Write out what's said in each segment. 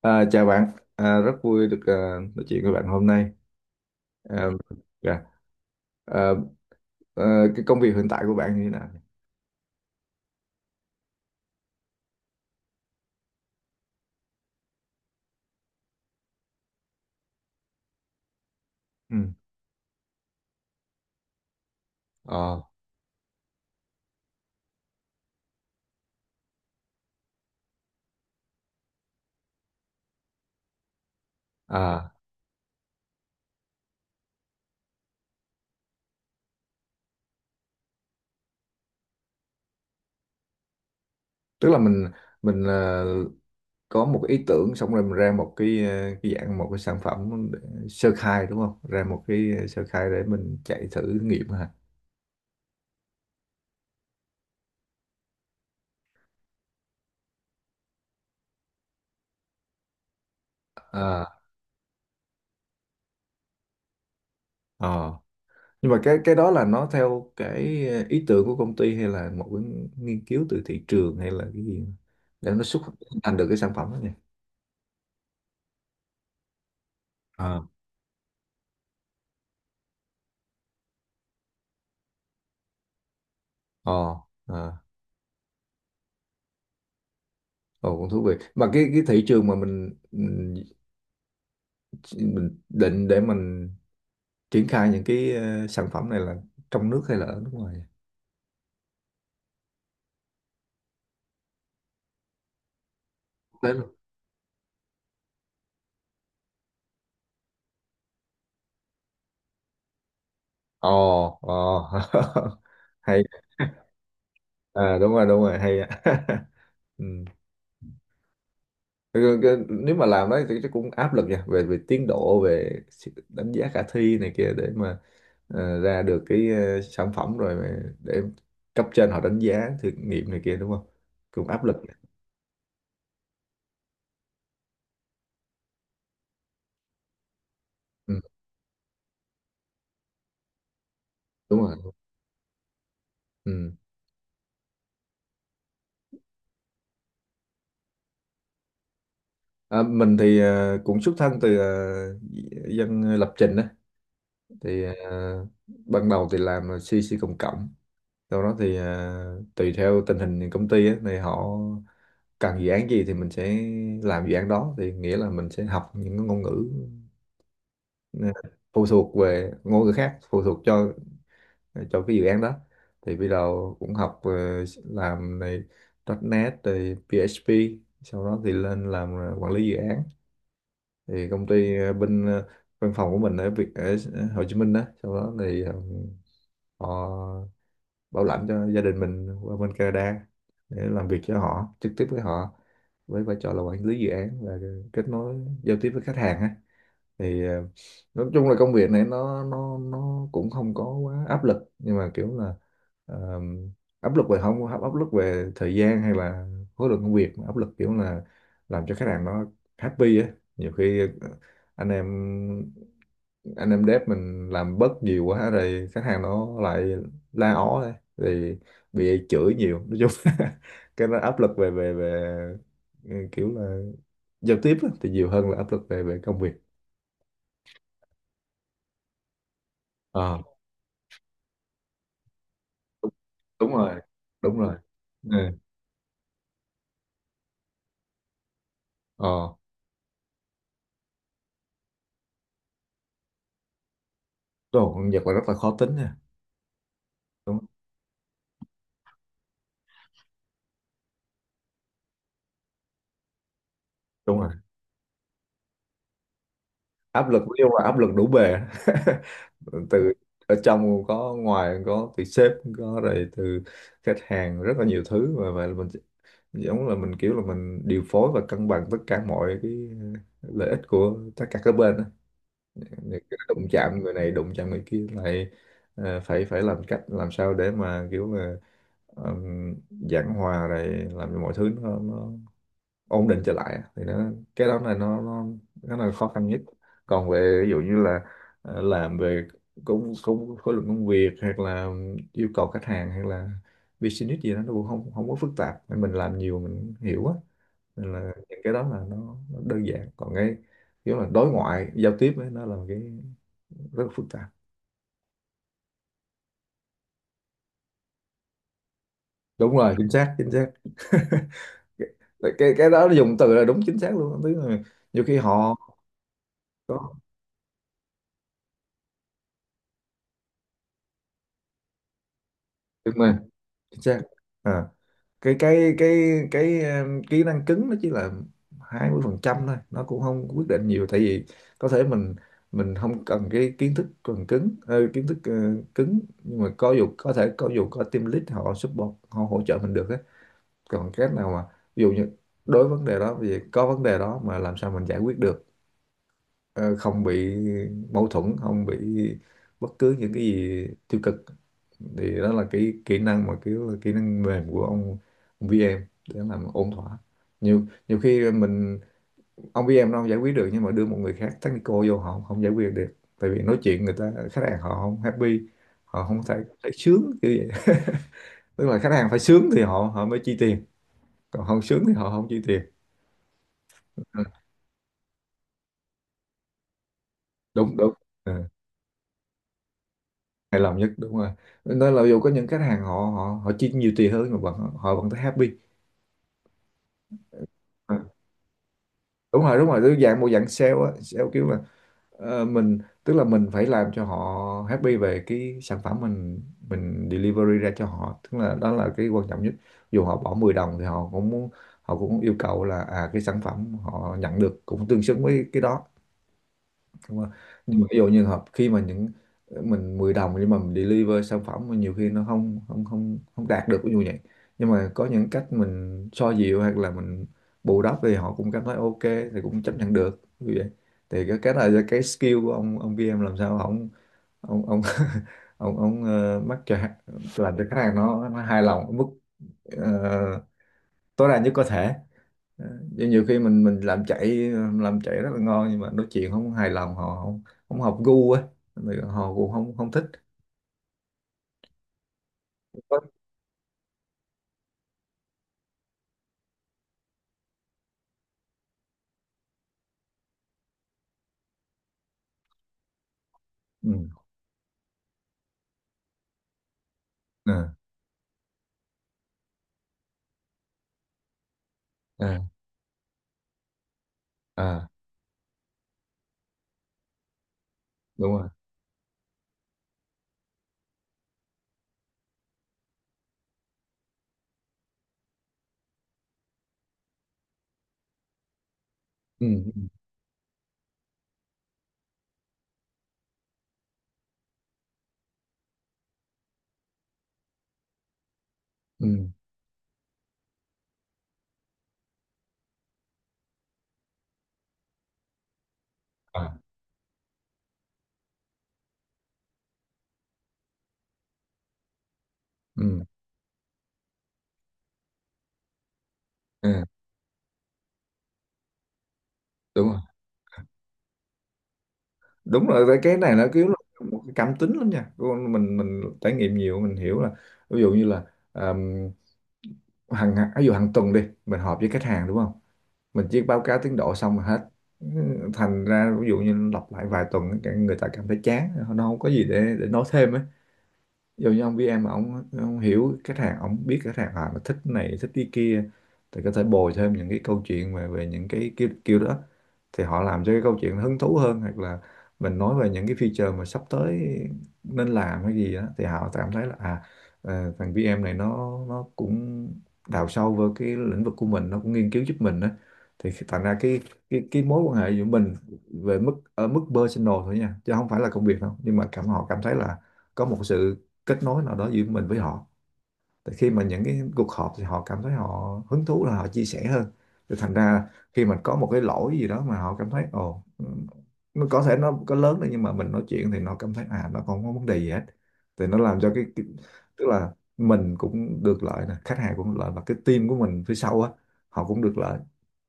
Chào bạn, rất vui được nói chuyện với bạn hôm nay. À, dạ. À, cái công việc hiện tại của bạn như thế nào? Ừ. Ờ, à, Tức là mình có một cái ý tưởng xong rồi mình ra một cái cái dạng một cái sản phẩm sơ khai đúng không? Ra một cái sơ khai để mình chạy thử nghiệm hả? À, ờ. Nhưng mà cái đó là nó theo cái ý tưởng của công ty hay là một cái nghiên cứu từ thị trường hay là cái gì để nó xuất thành được cái sản phẩm đó nhỉ? Ồ, à, ồ cũng thú vị. Mà cái thị trường mà mình định để mình triển khai những cái sản phẩm này là trong nước hay là ở nước ngoài vậy? Đấy luôn. Ồ, ồ. Hay. À đúng rồi, hay á. Ừ. Nếu mà làm đấy thì chắc cũng áp lực nha, về về tiến độ, về sự đánh giá khả thi này kia để mà ra được cái sản phẩm rồi mà để cấp trên họ đánh giá thử nghiệm này kia đúng không? Cũng áp lực. Ừ, đúng rồi. Ừ. Mình thì cũng xuất thân từ dân lập trình á thì ban đầu thì làm CC cộng cộng, sau đó thì tùy theo tình hình công ty á thì họ cần dự án gì thì mình sẽ làm dự án đó, thì nghĩa là mình sẽ học những cái ngôn ngữ ờ, phụ thuộc về ngôn ngữ khác phụ thuộc cho cái dự án đó. Thì bây giờ cũng học làm này .NET rồi PHP, sau đó thì lên làm quản lý dự án. Thì công ty văn phòng của mình ở Việt ở Hồ Chí Minh đó, sau đó thì họ bảo lãnh cho gia đình mình qua bên Canada để làm việc cho họ, trực tiếp với họ với vai trò là quản lý dự án và kết nối giao tiếp với khách hàng á. Thì nói chung là công việc này nó cũng không có quá áp lực, nhưng mà kiểu là ờ, áp lực về không áp lực về thời gian hay là khối lượng công việc, mà áp lực kiểu là làm cho khách hàng nó happy á. Nhiều khi anh em anh em dev mình làm bớt nhiều quá rồi khách hàng nó lại la ó đây thì bị chửi nhiều, nói chung cái nó áp lực về về về kiểu là giao tiếp á, thì nhiều hơn là áp lực về về công việc. Ờ. Đúng rồi, đúng rồi. Ừ. Ờ, đúng rồi, con Nhật là rất là khó tính nha. Đúng. Đúng rồi, áp lực nhưng mà áp lực đủ bề. Từ ở trong có, ngoài có, từ sếp có, rồi từ khách hàng, rất là nhiều thứ. Và vậy là mình giống là mình kiểu là mình điều phối và cân bằng tất cả mọi cái ờ, lợi ích của tất cả các bên á. Những cái đụng chạm người này đụng chạm người kia lại phải phải làm cách làm sao để mà kiểu là um, giảng hòa rồi làm cho mọi thứ nó ổn định trở lại, thì nó cái đó là nó là khó khăn nhất. Còn về ví dụ như là làm về cũng cũng khối lượng công việc hoặc là yêu cầu khách hàng hay là business gì đó, nó cũng không không có phức tạp. Nên mình làm nhiều mình hiểu á, nên là những cái đó là nó đơn giản. Còn cái kiểu là đối ngoại giao tiếp ấy, nó là một cái rất là phức tạp. Đúng rồi, chính xác, chính xác. Cái đó dùng từ là đúng, chính xác luôn. Tức là nhiều khi họ có đúng rồi, chính xác. À, cái cái cái cái kỹ năng cứng nó chỉ là 20% thôi, nó cũng không quyết định nhiều. Tại vì có thể mình không cần cái kiến thức cần cứng, kiến thức cứng, nhưng mà có dù có thể có dù có team lead họ support họ hỗ trợ mình được á. Còn cách nào mà ví dụ như đối vấn đề đó vì có vấn đề đó mà làm sao mình giải quyết được ờ, không bị mâu thuẫn, không bị bất cứ những cái gì tiêu cực, thì đó là cái kỹ năng mà kiểu là kỹ năng mềm của ông VM để làm ổn thỏa. Nhiều nhiều khi mình ông VM nó không giải quyết được, nhưng mà đưa một người khác technical vô họ không giải quyết được, tại vì nói chuyện người ta khách hàng họ không happy, họ không thấy sướng kiểu vậy. Tức là khách hàng phải sướng thì họ họ mới chi tiền, còn không sướng thì họ không chi tiền. Ừ, đúng, đúng. Ừ. Hài lòng nhất, đúng rồi. Nên là dù có những khách hàng họ họ họ chi nhiều tiền hơn mà vẫn họ vẫn thấy happy. Ờ. Đúng rồi, đúng rồi, tức dạng một dạng sale á, sale kiểu là ờ, mình tức là mình phải làm cho họ happy về cái sản phẩm mình delivery ra cho họ, tức là đó là cái quan trọng nhất. Dù họ bỏ 10 đồng thì họ cũng muốn, họ cũng yêu cầu là à cái sản phẩm họ nhận được cũng tương xứng với cái đó, đúng không? Nhưng mà ví dụ như hợp khi mà những mình 10 đồng nhưng mà mình deliver sản phẩm mà nhiều khi nó không không không không đạt được ví dụ vậy, nhưng mà có những cách mình xoa dịu hoặc là mình bù đắp thì họ cũng cảm thấy ok thì cũng chấp nhận được như vậy. Thì cái này là cái skill của ông kia em làm sao ông ông ờ, mắc cho làm cho khách hàng nó hài lòng ở mức ờ, tối đa nhất có thể. Ờ, nhưng nhiều khi mình làm chạy rất là ngon nhưng mà nói chuyện không hài lòng họ không không hợp gu á. Thì họ cũng không không thích. Có- ừ. À, à, à, đúng rồi. Ừ. Ừ, ừ, à, ừ, à, đúng rồi, đúng rồi. Cái này nó kiểu là một cái cảm tính lắm nha. Con mình trải nghiệm nhiều mình hiểu là ví dụ như là um, hàng ví dụ hàng tuần đi mình họp với khách hàng đúng không, mình chỉ báo cáo tiến độ xong là hết, thành ra ví dụ như lặp lại vài tuần cái người ta cảm thấy chán nó không có gì để nói thêm á. Dù như ông BM mà ông hiểu khách hàng ông biết khách hàng à mà thích cái này thích cái kia, thì có thể bồi thêm những cái câu chuyện về về những cái kiểu đó, thì họ làm cho cái câu chuyện nó hứng thú hơn, hoặc là mình nói về những cái feature mà sắp tới nên làm cái gì đó, thì họ cảm thấy là à thằng BM này nó cũng đào sâu vào cái lĩnh vực của mình, nó cũng nghiên cứu giúp mình đó. Thì thành ra cái cái mối quan hệ giữa mình về mức ở mức personal thôi nha, chứ không phải là công việc đâu, nhưng mà cảm họ cảm thấy là có một sự kết nối nào đó giữa mình với họ, tại khi mà những cái cuộc họp thì họ cảm thấy họ hứng thú là họ chia sẻ hơn. Thì thành ra khi mình có một cái lỗi gì đó mà họ cảm thấy ồ, nó có thể nó có lớn đấy nhưng mà mình nói chuyện thì nó cảm thấy à nó không có vấn đề gì hết, thì nó làm cho cái tức là mình cũng được lợi nè, khách hàng cũng được lợi, và cái team của mình phía sau á họ cũng được lợi.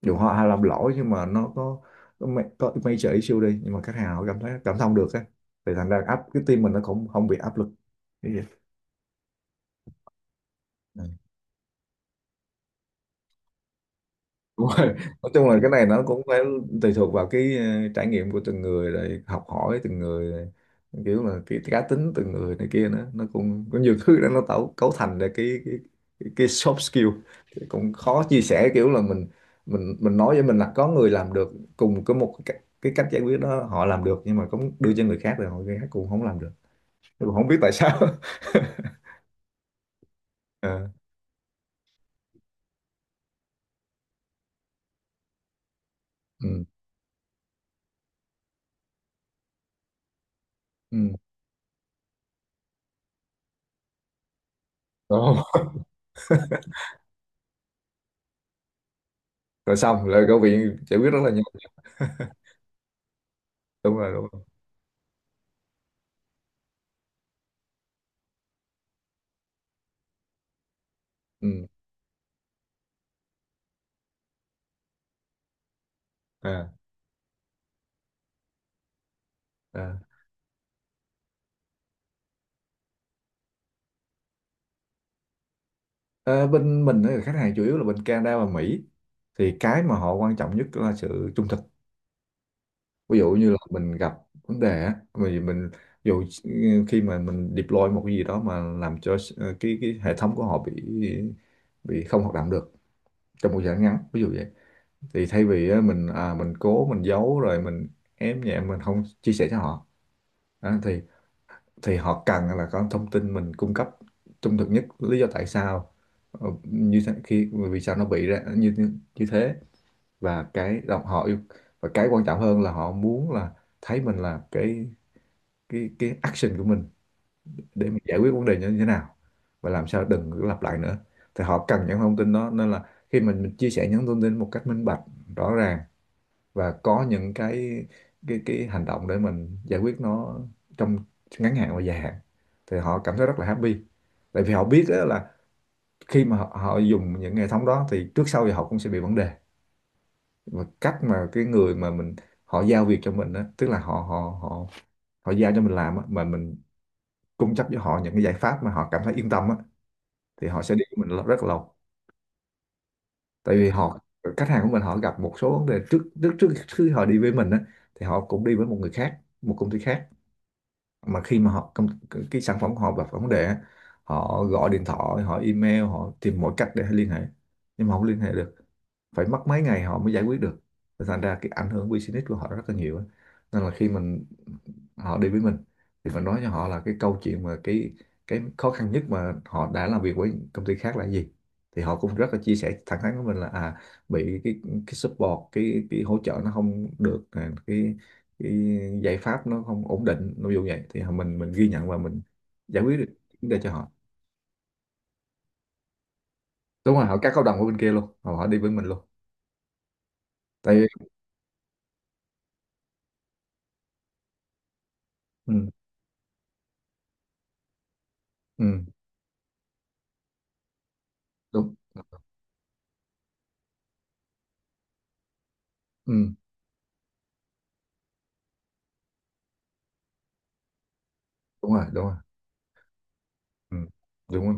Dù họ hay làm lỗi nhưng mà nó có có major issue đi nhưng mà khách hàng họ cảm thấy cảm thông được á, thì thành ra áp cái team mình nó cũng không bị áp lực. Cái gì? Đúng rồi. Nói chung là cái này nó cũng phải tùy thuộc vào cái trải nghiệm của từng người rồi học hỏi từng người rồi. Kiểu là cái cá tính từng người này kia nữa nó cũng có nhiều thứ đó nó tạo cấu thành ra cái soft skill. Thì cũng khó chia sẻ kiểu là mình nói với mình là có người làm được cùng cái một cái cách giải quyết đó họ làm được nhưng mà cũng đưa cho người khác rồi người khác cũng không làm được, tôi cũng không biết tại sao. Ờ, ừ, ừ. Đúng. Rồi xong rồi câu chuyện giải quyết rất là nhanh, đúng rồi đúng rồi. Ừ. À. À, ờ, bên mình ấy, khách hàng chủ yếu là bên Canada và Mỹ, thì cái mà họ quan trọng nhất là sự trung thực. Ví dụ như là mình gặp vấn đề á, mình ví dụ khi mà mình deploy một cái gì đó mà làm cho cái hệ thống của họ bị không hoạt động được trong một thời gian ngắn ví dụ vậy, thì thay vì á, mình cố mình giấu rồi mình ém nhẹm mình không chia sẻ cho họ. Đó, thì họ cần là có thông tin mình cung cấp trung thực nhất lý do tại sao như thế, khi vì sao nó bị ra như như như thế. Và cái đồng họ yêu và cái quan trọng hơn là họ muốn là thấy mình là cái action của mình để mình giải quyết vấn đề như thế nào và làm sao đừng có lặp lại nữa, thì họ cần những thông tin đó. Nên là khi mình chia sẻ những thông tin một cách minh bạch, rõ ràng và có những cái hành động để mình giải quyết nó trong ngắn hạn và dài hạn, thì họ cảm thấy rất là happy. Tại vì họ biết á là khi mà họ dùng những hệ thống đó thì trước sau thì họ cũng sẽ bị vấn đề. Và cách mà cái người mà mình họ giao việc cho mình á, tức là họ họ họ họ giao cho mình làm á mà mình cung cấp cho họ những cái giải pháp mà họ cảm thấy yên tâm á, thì họ sẽ đi với mình rất là lâu. Tại vì họ, khách hàng của mình họ gặp một số vấn đề trước trước trước khi họ đi với mình á, thì họ cũng đi với một người khác, một công ty khác. Mà khi mà cái sản phẩm của họ gặp vấn đề á, họ gọi điện thoại, họ email, họ tìm mọi cách để liên hệ nhưng mà không liên hệ được, phải mất mấy ngày họ mới giải quyết được. Và thành ra cái ảnh hưởng business của họ rất là nhiều á. Nên là khi mình, họ đi với mình thì mình nói cho họ là cái câu chuyện mà cái khó khăn nhất mà họ đã làm việc với công ty khác là gì, thì họ cũng rất là chia sẻ thẳng thắn với mình là à, bị cái support, cái hỗ trợ nó không được à, cái giải pháp nó không ổn định ví dụ vậy, thì mình ghi nhận và mình giải quyết được vấn đề cho họ. Đúng rồi, họ cắt hợp đồng ở bên kia luôn, họ họ đi với mình luôn. Tại vì ừ, ừ, đúng. Ừ, đúng rồi, đúng rồi. Ừ, đúng rồi.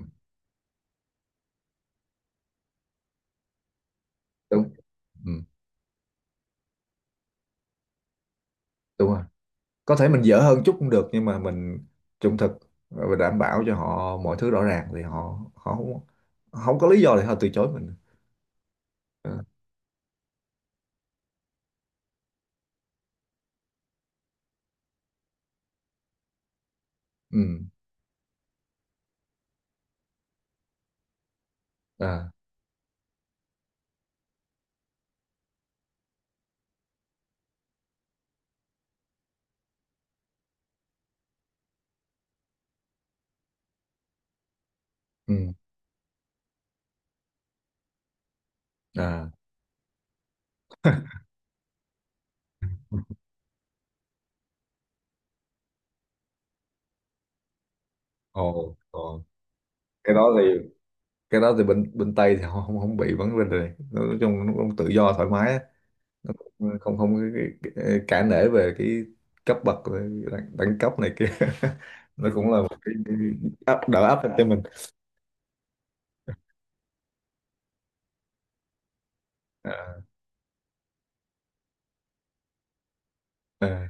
Đúng. Ừ, đúng rồi. Có thể mình dở hơn chút cũng được nhưng mà mình trung thực và đảm bảo cho họ mọi thứ rõ ràng thì họ họ không, không có lý do để họ từ chối mình. Ừ. Ừ. À. Ừ. À. Ồ. Ồ. Cái đó thì cái đó thì bên bên Tây thì họ không không bị vấn đề này. Nói chung nó cũng tự do thoải mái, nó cũng không không cả nể về cái cấp bậc, về đẳng cấp này kia. Nó cũng là một cái áp, áp lực cho mình. À, à,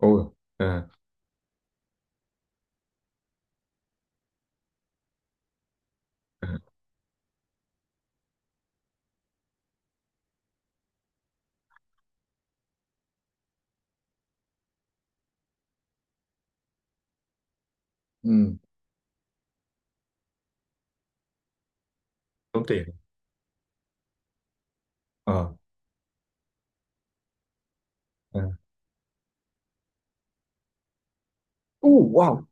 ôi, à, à, ừ, tốn tiền. Ờ. À, wow.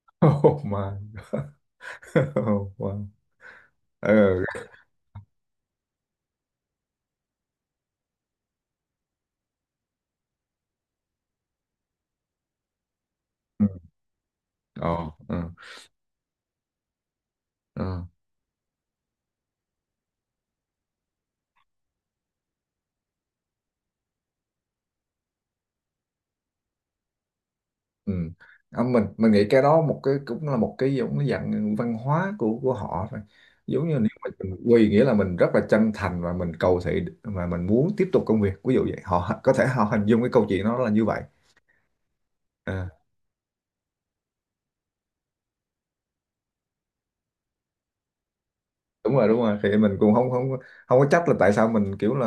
Oh my. Wow. Ờ. Ừ, ờ. Ờ. Ờ. Ừ. À, mình nghĩ cái đó một cái cũng là một cái giống cái dạng văn hóa của họ thôi. Giống như nếu mà mình quy nghĩa là mình rất là chân thành và mình cầu thị mà mình muốn tiếp tục công việc ví dụ vậy, họ có thể họ hình dung cái câu chuyện đó là như vậy. À, đúng rồi đúng rồi, thì mình cũng không không không có trách là tại sao mình kiểu là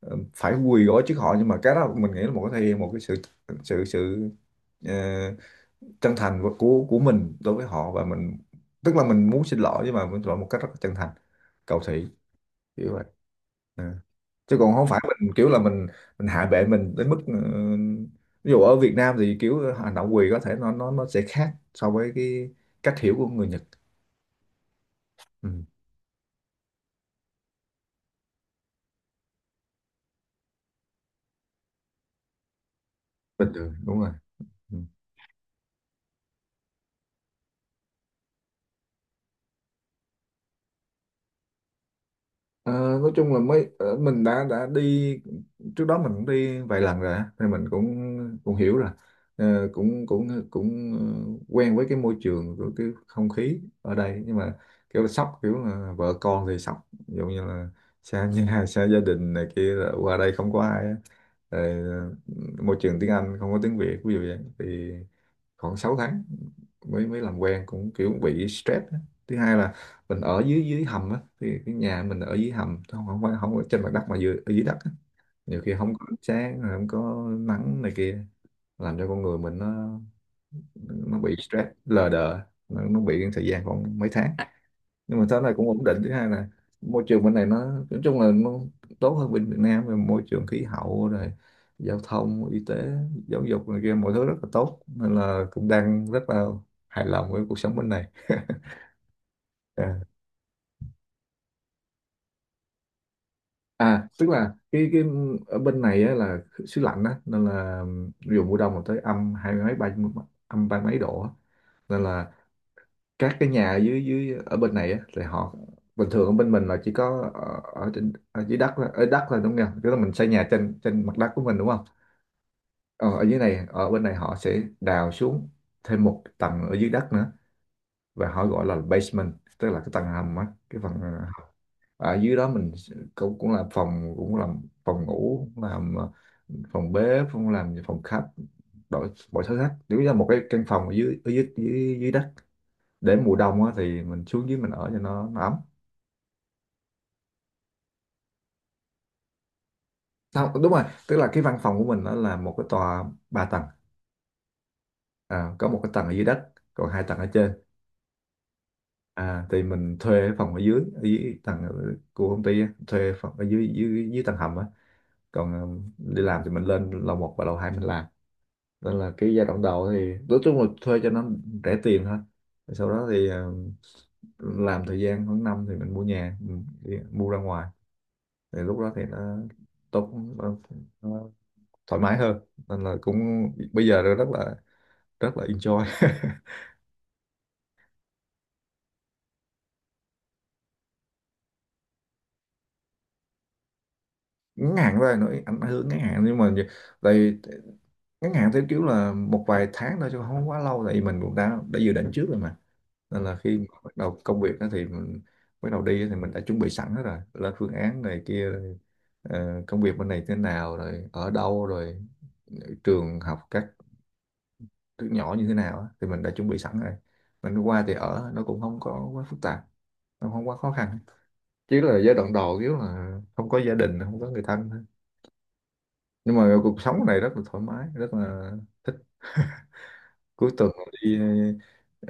phải quỳ gối trước họ, nhưng mà cái đó mình nghĩ là một cái thể hiện một cái sự sự sự ờ, chân thành của mình đối với họ, và mình, tức là mình muốn xin lỗi nhưng mà mình xin lỗi một cách rất là chân thành, cầu thị, kiểu vậy. À. Chứ còn không phải mình kiểu là mình hạ bệ mình đến mức ví dụ ở Việt Nam thì kiểu hành động quỳ có thể nó sẽ khác so với cái cách hiểu của người Nhật. Ừ. Bình thường đúng rồi. Ừ. Ờ, nói chung là mình đã đi, trước đó mình cũng đi vài lần rồi á, thì mình cũng cũng hiểu rồi. Ờ, cũng cũng cũng ờ, quen với cái môi trường của cái không khí ở đây, nhưng mà kiểu là sốc, kiểu là vợ con thì sốc, ví dụ như là xa nhà xa gia đình này kia, là qua đây không có ai á. Rồi, ờ, môi trường tiếng Anh không có tiếng Việt ví dụ vậy, thì khoảng 6 tháng mới mới làm quen cũng kiểu bị stress á. Thứ hai là mình ở dưới, dưới hầm á, thì cái nhà mình ở dưới hầm, không không phải không ở trên mặt đất mà dưới, ở dưới đất á. Nhiều khi không có ánh sáng rồi không có nắng này kia, làm cho con người mình nó bị stress lờ đờ. Nó bị thời gian khoảng mấy tháng, nhưng mà thế này cũng ổn định. Thứ hai là môi trường bên này nói chung là nó tốt hơn bên Việt Nam về môi trường, khí hậu rồi giao thông, y tế, giáo dục này kia, mọi thứ rất là tốt, nên là cũng đang rất là hài lòng với cuộc sống bên này. À, tức là cái ở bên này á, là xứ lạnh á nên là ví dụ mùa đông là tới âm hai mấy, ba, âm ba mấy độ á. Nên là các cái nhà dưới dưới ở bên này á thì họ, bình thường ở bên mình là chỉ có ở trên, ở dưới đất là- ở đất là đúng không? Tức là mình xây nhà trên trên mặt đất của mình, đúng không? Ờ, ở dưới này, ở bên này họ sẽ đào xuống thêm một tầng ở dưới đất nữa, và họ gọi là basement, tức là cái tầng hầm á, cái phần à, ở dưới đó mình cũng cũng làm phòng, cũng làm phòng ngủ, cũng làm phòng bếp, cũng làm phòng khách, đổi bộ sổ sách nếu như là một cái căn phòng ở dưới, dưới đất, để mùa đông á, thì mình xuống dưới mình ở cho nó ấm. Sao đúng rồi, tức là cái văn phòng của mình nó là một cái tòa 3 tầng. À, có một cái tầng ở dưới đất còn 2 tầng ở trên. À, thì mình thuê cái phòng ở dưới, ở dưới tầng của công ty á, thuê phòng ở dưới, dưới tầng hầm á. Còn ờ, đi làm thì mình lên lầu 1 và lầu 2 mình làm. Nên là cái giai đoạn đầu thì nói chung là thuê cho nó rẻ tiền thôi. Sau đó thì ờ, làm thời gian khoảng năm thì mình mua nhà, mình đi- mua ra ngoài, thì lúc đó thì nó tốt, nó, nó thoải mái hơn, nên là cũng bây giờ rất là enjoy. Ngắn hạn thôi, nói ảnh hưởng ngắn hạn nhưng mà tại ngắn hạn theo kiểu là một vài tháng thôi chứ không quá lâu, tại vì mình cũng đã dự định trước rồi mà, nên là khi mà bắt đầu công việc á thì bắt đầu đi á thì mình đã chuẩn bị sẵn hết rồi, lên phương án này kia rồi, ờ, công việc bên này thế nào rồi, ở đâu rồi, trường học các thứ nhỏ như thế nào á, thì mình đã chuẩn bị sẵn rồi. Mình qua thì ở nó cũng không có quá phức tạp, nó không quá khó khăn, chỉ là giai đoạn đầu kiểu là không có gia đình, không có người thân thôi. Nhưng mà cuộc sống này rất là thoải mái, rất là cuối tuần đi ờ,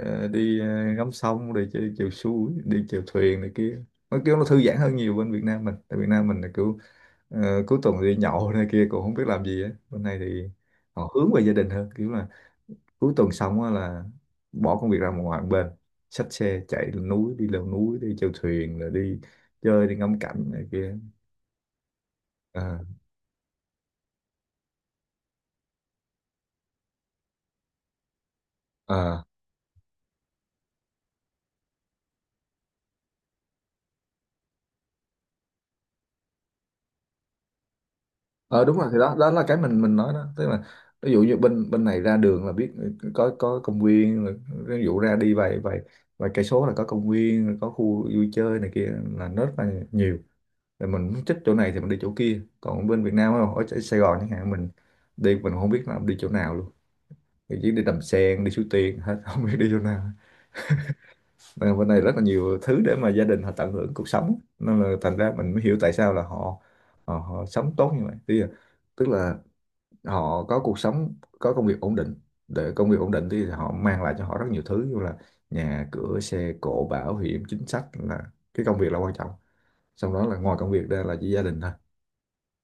đi ngắm sông, đi chơi chèo suối, đi chèo thuyền này kia, nó kiểu nó thư giãn hơn nhiều bên Việt Nam. Mình tại Việt Nam mình là kiểu ờ, cuối tuần đi nhậu này kia cũng không biết làm gì á. Bên này thì họ hướng về gia đình hơn, kiểu là cuối tuần xong á là bỏ công việc ra ngoài một bên, xách xe chạy lên núi đi leo núi, đi chèo thuyền rồi đi chơi, đi ngắm cảnh này kia. Ờ. Ờ. Ờ đúng rồi, thì đó đó là cái mình nói đó, tức là ví dụ như bên bên này ra đường là biết có công viên rồi, ví dụ ra đi vài vài vài cây số là có công viên rồi, có khu vui chơi này kia, là nó rất là nhiều. Rồi mình muốn thích chỗ này thì mình đi chỗ kia, còn bên Việt Nam không, ở ở Sài Gòn chẳng hạn mình đi mình không biết là đi chỗ nào luôn, thì chỉ đi Đầm Sen, đi Suối Tiên hết không biết đi chỗ nào. Nên là bên này rất là nhiều thứ để mà gia đình họ tận hưởng cuộc sống, nên là thành ra mình mới hiểu tại sao là họ họ, họ sống tốt như vậy. Tức là họ có cuộc sống, có công việc ổn định, để công việc ổn định thì họ mang lại cho họ rất nhiều thứ như là nhà cửa, xe cộ, bảo hiểm, chính sách, là cái công việc là quan trọng. Xong đó là ngoài công việc ra là chỉ gia đình thôi,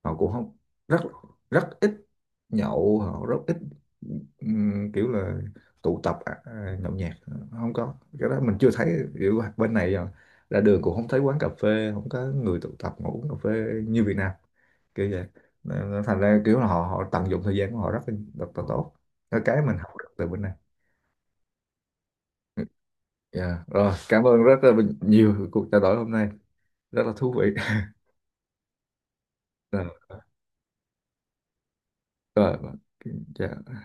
họ cũng không, rất rất ít nhậu, họ rất ít kiểu là tụ tập à, à, nhậu nhẹt, không có cái đó mình chưa thấy kiểu bên này à, ra đường cũng không thấy quán cà phê, không có người tụ tập ngồi uống cà phê như Việt Nam kiểu vậy. Nên thành ra kiểu là họ họ tận dụng thời gian của họ rất là tốt, cái mình học được từ bên này. Dạ, rồi cảm ơn rất là nhiều cuộc trao đổi hôm nay rất là thú vị. Rồi rồi, dạ.